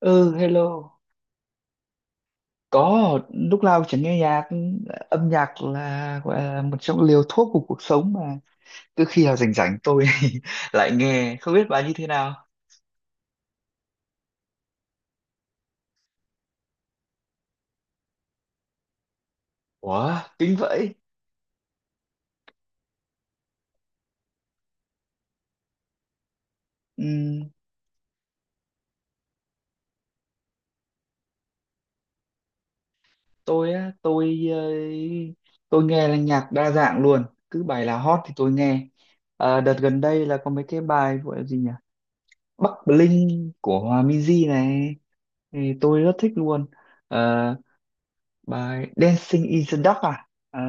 Ừ, hello. Có. Lúc nào chẳng nghe nhạc? Âm nhạc là gọi là một trong liều thuốc của cuộc sống mà. Cứ khi nào rảnh rảnh tôi lại nghe, không biết bà như thế nào. Ủa, kính vậy? Ừm, tôi á? Tôi nghe là nhạc đa dạng luôn. Cứ bài nào hot thì tôi nghe. Đợt gần đây là có mấy cái bài gọi là gì nhỉ? Bắc Bling của Hòa Minzy này thì tôi rất thích luôn. Ờ, Bài Dancing in the Dark à? Ờ,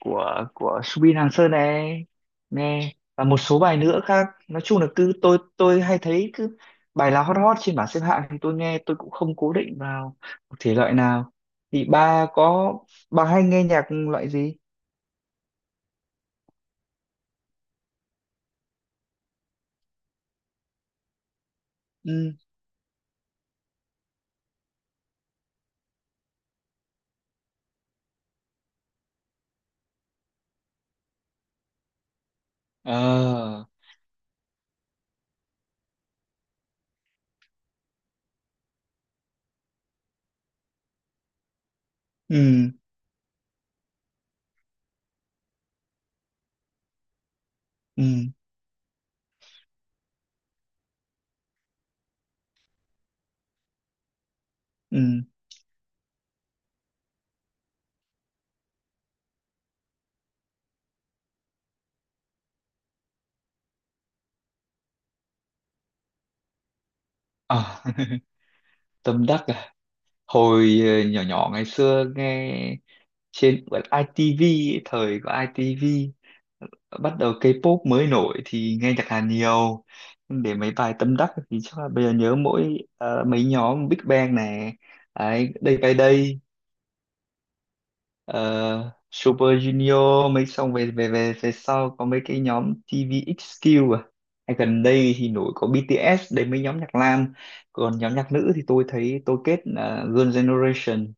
của Subin Hàng Sơn này, nghe, và một số bài nữa khác. Nói chung là cứ tôi hay thấy cứ bài nào hot hot trên bảng xếp hạng thì tôi nghe. Tôi cũng không cố định vào một thể loại nào. Thì ba có, bà hay nghe nhạc loại gì? Ừ. Ờ. Ừ. Ừ. Ừ. Ờ. Tâm Đắc à? Hồi nhỏ nhỏ ngày xưa nghe trên bật ITV ấy, thời của ITV bắt đầu K-pop mới nổi thì nghe nhạc Hàn nhiều. Để mấy bài tâm đắc thì chắc là bây giờ nhớ mỗi mấy nhóm Big Bang này đấy, Day by Day, ờ, Super Junior, mấy xong về về về về sau có mấy cái nhóm TVXQ à. Hay gần đây thì nổi có BTS đấy, mấy nhóm nhạc nam. Còn nhóm nhạc nữ thì tôi thấy tôi kết là Girl Generation.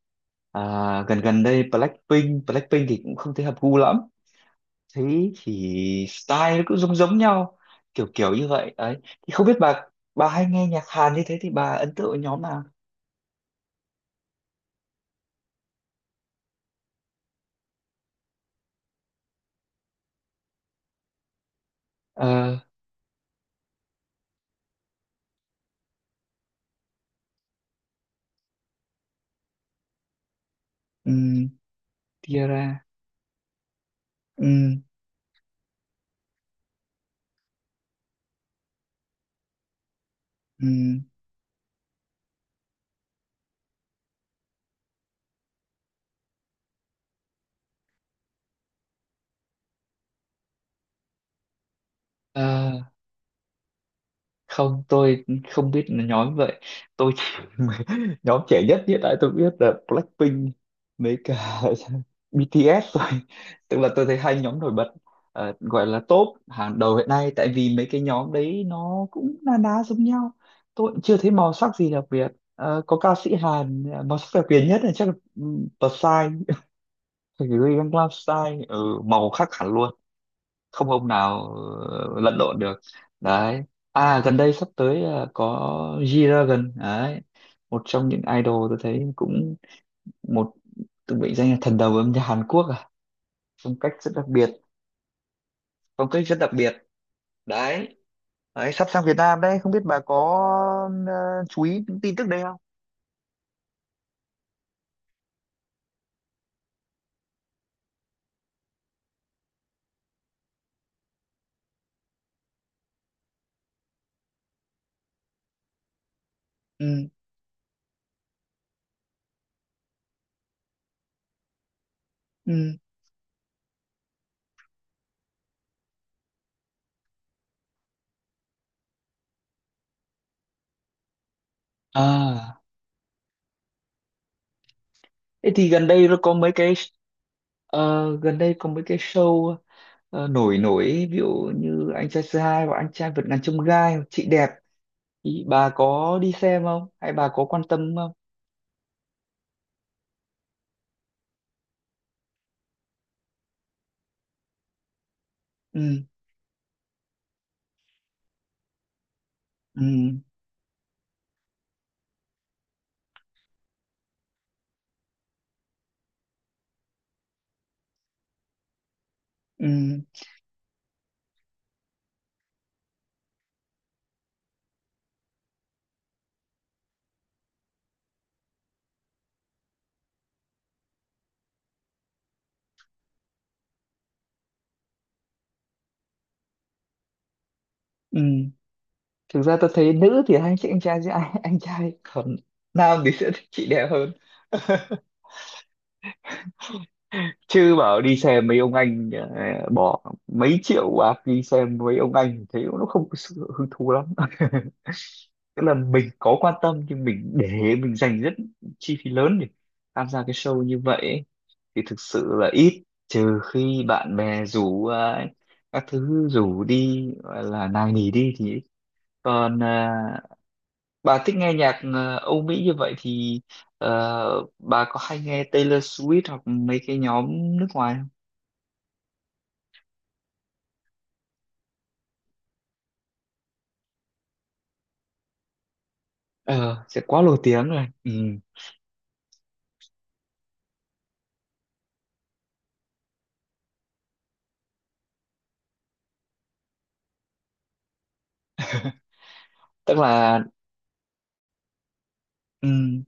À, gần gần đây Blackpink, thì cũng không thấy hợp gu lắm. Thế thì style nó cũng giống giống nhau, kiểu kiểu như vậy ấy. Thì không biết bà hay nghe nhạc Hàn như thế thì bà ấn tượng với nhóm nào? Ờ. um, Tiara. um, Không, tôi không biết là nhóm vậy. Tôi chỉ nhóm trẻ nhất hiện tại tôi biết là Blackpink mấy cả BTS rồi. Tức là tôi thấy hai nhóm nổi bật, gọi là top hàng đầu hiện nay, tại vì mấy cái nhóm đấy nó cũng na ná giống nhau. Tôi cũng chưa thấy màu sắc gì đặc biệt. Có ca sĩ Hàn màu sắc đặc biệt nhất là chắc là Psy, phải gửi Gangnam Style, màu khác hẳn luôn, không hôm nào lẫn lộn được. Đấy. À, gần đây sắp tới có G-Dragon đấy, một trong những idol tôi thấy cũng một, từng bị danh là thần đầu âm nhạc Hàn Quốc à, phong cách rất đặc biệt, phong cách rất đặc biệt. Đấy, sắp sang Việt Nam đấy, không biết bà có ờ, chú ý những tin tức đấy không? Ừ. Ừ. À. Thế thì gần đây có mấy cái show nổi nổi, ví dụ như anh trai C2 và anh trai vượt ngàn chông gai, chị đẹp. Ý, bà có đi xem không? Hay bà có quan tâm không? Ừ, ừ, ừ, ừ. Thực ra tôi thấy nữ thì anh trai, còn nam thì sẽ thích chị đẹp hơn. Chứ bảo đi xem mấy ông anh, bỏ mấy triệu bạc đi xem mấy ông anh thì thấy nó không có sự hứng thú lắm. Tức là mình có quan tâm, nhưng mình để mình dành rất chi phí lớn để tham gia cái show như vậy thì thực sự là ít, trừ khi bạn bè rủ à, các thứ rủ đi gọi là nài nỉ đi thì ít. Còn à, bà thích nghe nhạc à, Âu Mỹ như vậy thì bà có hay nghe Taylor Swift hoặc mấy cái nhóm nước ngoài không? Ờ, sẽ quá nổi tiếng rồi. Ừ. Tức là. Ừ.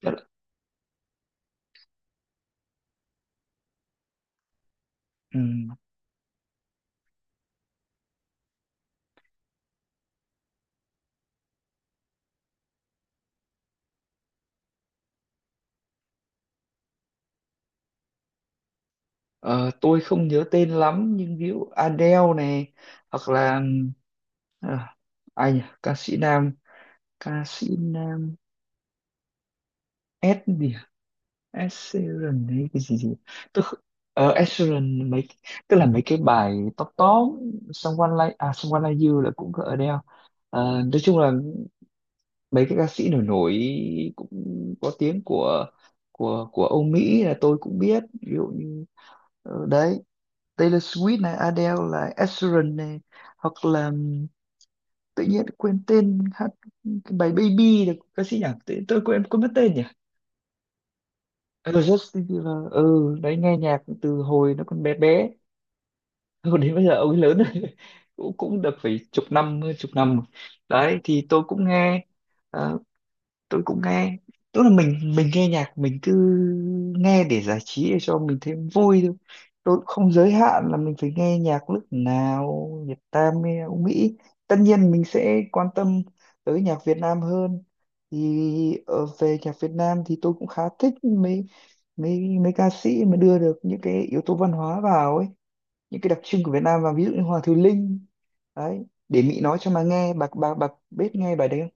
Tức là. Ừ. Ờ, tôi không nhớ tên lắm, nhưng ví dụ Adele này, hoặc là ừ, ờ, ai nhỉ? Ca sĩ nam, ca sĩ nam S gì, Asheron hay cái gì gì. Tôi kh- ờ Asheron mấy, tức là mấy cái bài top top, Someone Like You là cũng có Adele. Nói chung là mấy cái ca sĩ nổi nổi cũng có tiếng của Âu Mỹ là tôi cũng biết, ví dụ như đấy, Taylor Swift này, Adele, là Asheron này, hoặc là tự nhiên quên tên hát cái bài Baby là ca sĩ nhỉ, tôi quên quên mất tên nhỉ. Ừ, Justin Bieber, đấy, nghe nhạc từ hồi nó còn bé bé. Hồi đến bây giờ ông ấy lớn rồi. cũng cũng được phải chục năm, hơn chục năm rồi. Đấy thì tôi cũng nghe, ờ, tôi cũng nghe tức là mình nghe nhạc mình cứ nghe để giải trí, để cho mình thêm vui thôi. Tôi cũng không giới hạn là mình phải nghe nhạc nước nào, Việt Nam hay Âu Mỹ. Tất nhiên mình sẽ quan tâm tới nhạc Việt Nam hơn. Thì về nhạc Việt Nam thì tôi cũng khá thích mấy mấy mấy ca sĩ mà đưa được những cái yếu tố văn hóa vào ấy, những cái đặc trưng của Việt Nam vào, ví dụ như Hoàng Thùy Linh đấy, để Mỹ nói cho mà nghe bạc bạc bạc, biết nghe bài đấy không?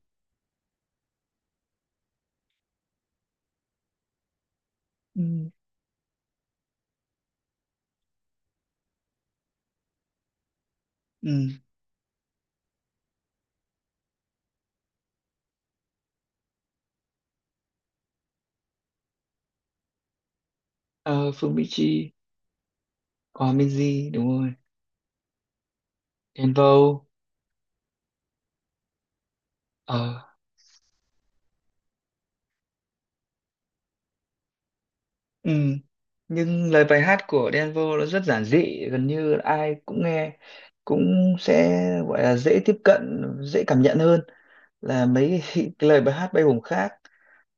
Ừ. Ừ. ờ, Phương Mỹ Chi, Hòa Minzy đúng rồi, Đen Vâu. Ờ. Ừ. Nhưng lời bài hát của Đen Vâu nó rất giản dị, gần như là ai cũng nghe cũng sẽ gọi là dễ tiếp cận, dễ cảm nhận hơn là mấy cái lời bài hát bay bổng khác.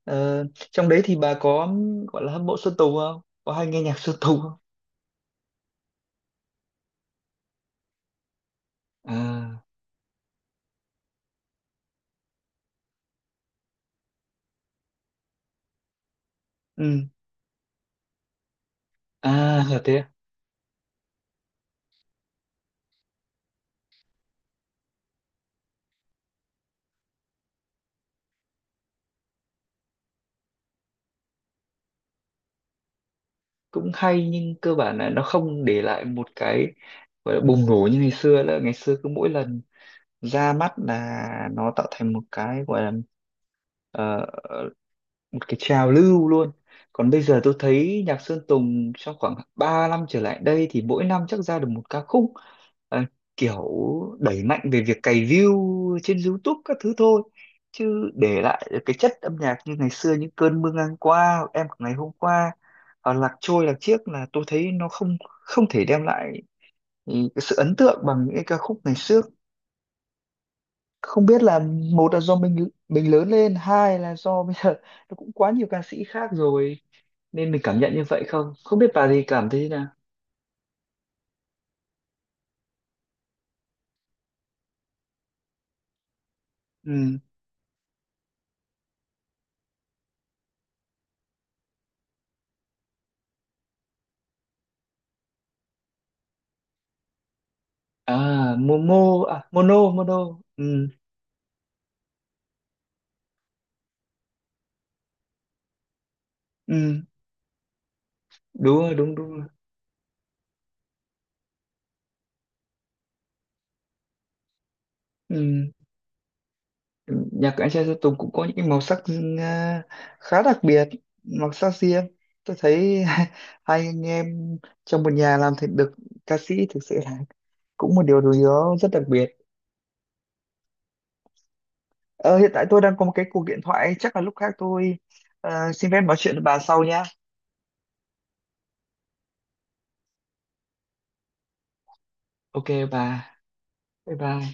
Ờ, Trong đấy thì bà có gọi là hâm mộ Sơn Tùng không? Có hay nghe nhạc Sơn Tùng không? À. Ừ. À, là thế. À? Cũng hay nhưng cơ bản là nó không để lại một cái gọi là bùng nổ như ngày xưa nữa. Ngày xưa cứ mỗi lần ra mắt là nó tạo thành một cái gọi là ờ, một cái trào lưu luôn. Còn bây giờ tôi thấy nhạc Sơn Tùng trong khoảng 3 năm trở lại đây thì mỗi năm chắc ra được một ca khúc. Ờ, Kiểu đẩy mạnh về việc cày view trên YouTube các thứ thôi, chứ để lại cái chất âm nhạc như ngày xưa những cơn mưa ngang qua, hoặc em của ngày hôm qua, hoặc lạc trôi lạc chiếc là tôi thấy nó không không thể đem lại cái sự ấn tượng bằng những cái ca khúc ngày xưa. Không biết là một là do mình lớn lên, hai là do bây giờ nó cũng quá nhiều ca sĩ khác rồi, nên mình cảm nhận như vậy không. Không biết bà thì cảm thấy thế nào. Ừ. À, momo, à mono mono. Ừ. Ừ. Đúng rồi, đúng đúng rồi. Ừ. Nhạc của anh trai Sơn Tùng cũng có những cái màu sắc khá đặc biệt, màu sắc riêng. Tôi thấy hai anh em trong một nhà làm thành được ca sĩ thực sự là cũng một điều gì đó rất đặc biệt. Ờ, Hiện tại tôi đang có một cái cuộc điện thoại, chắc là lúc khác tôi xin phép nói chuyện với bà sau nhá. Ok. Bà. Bye bye.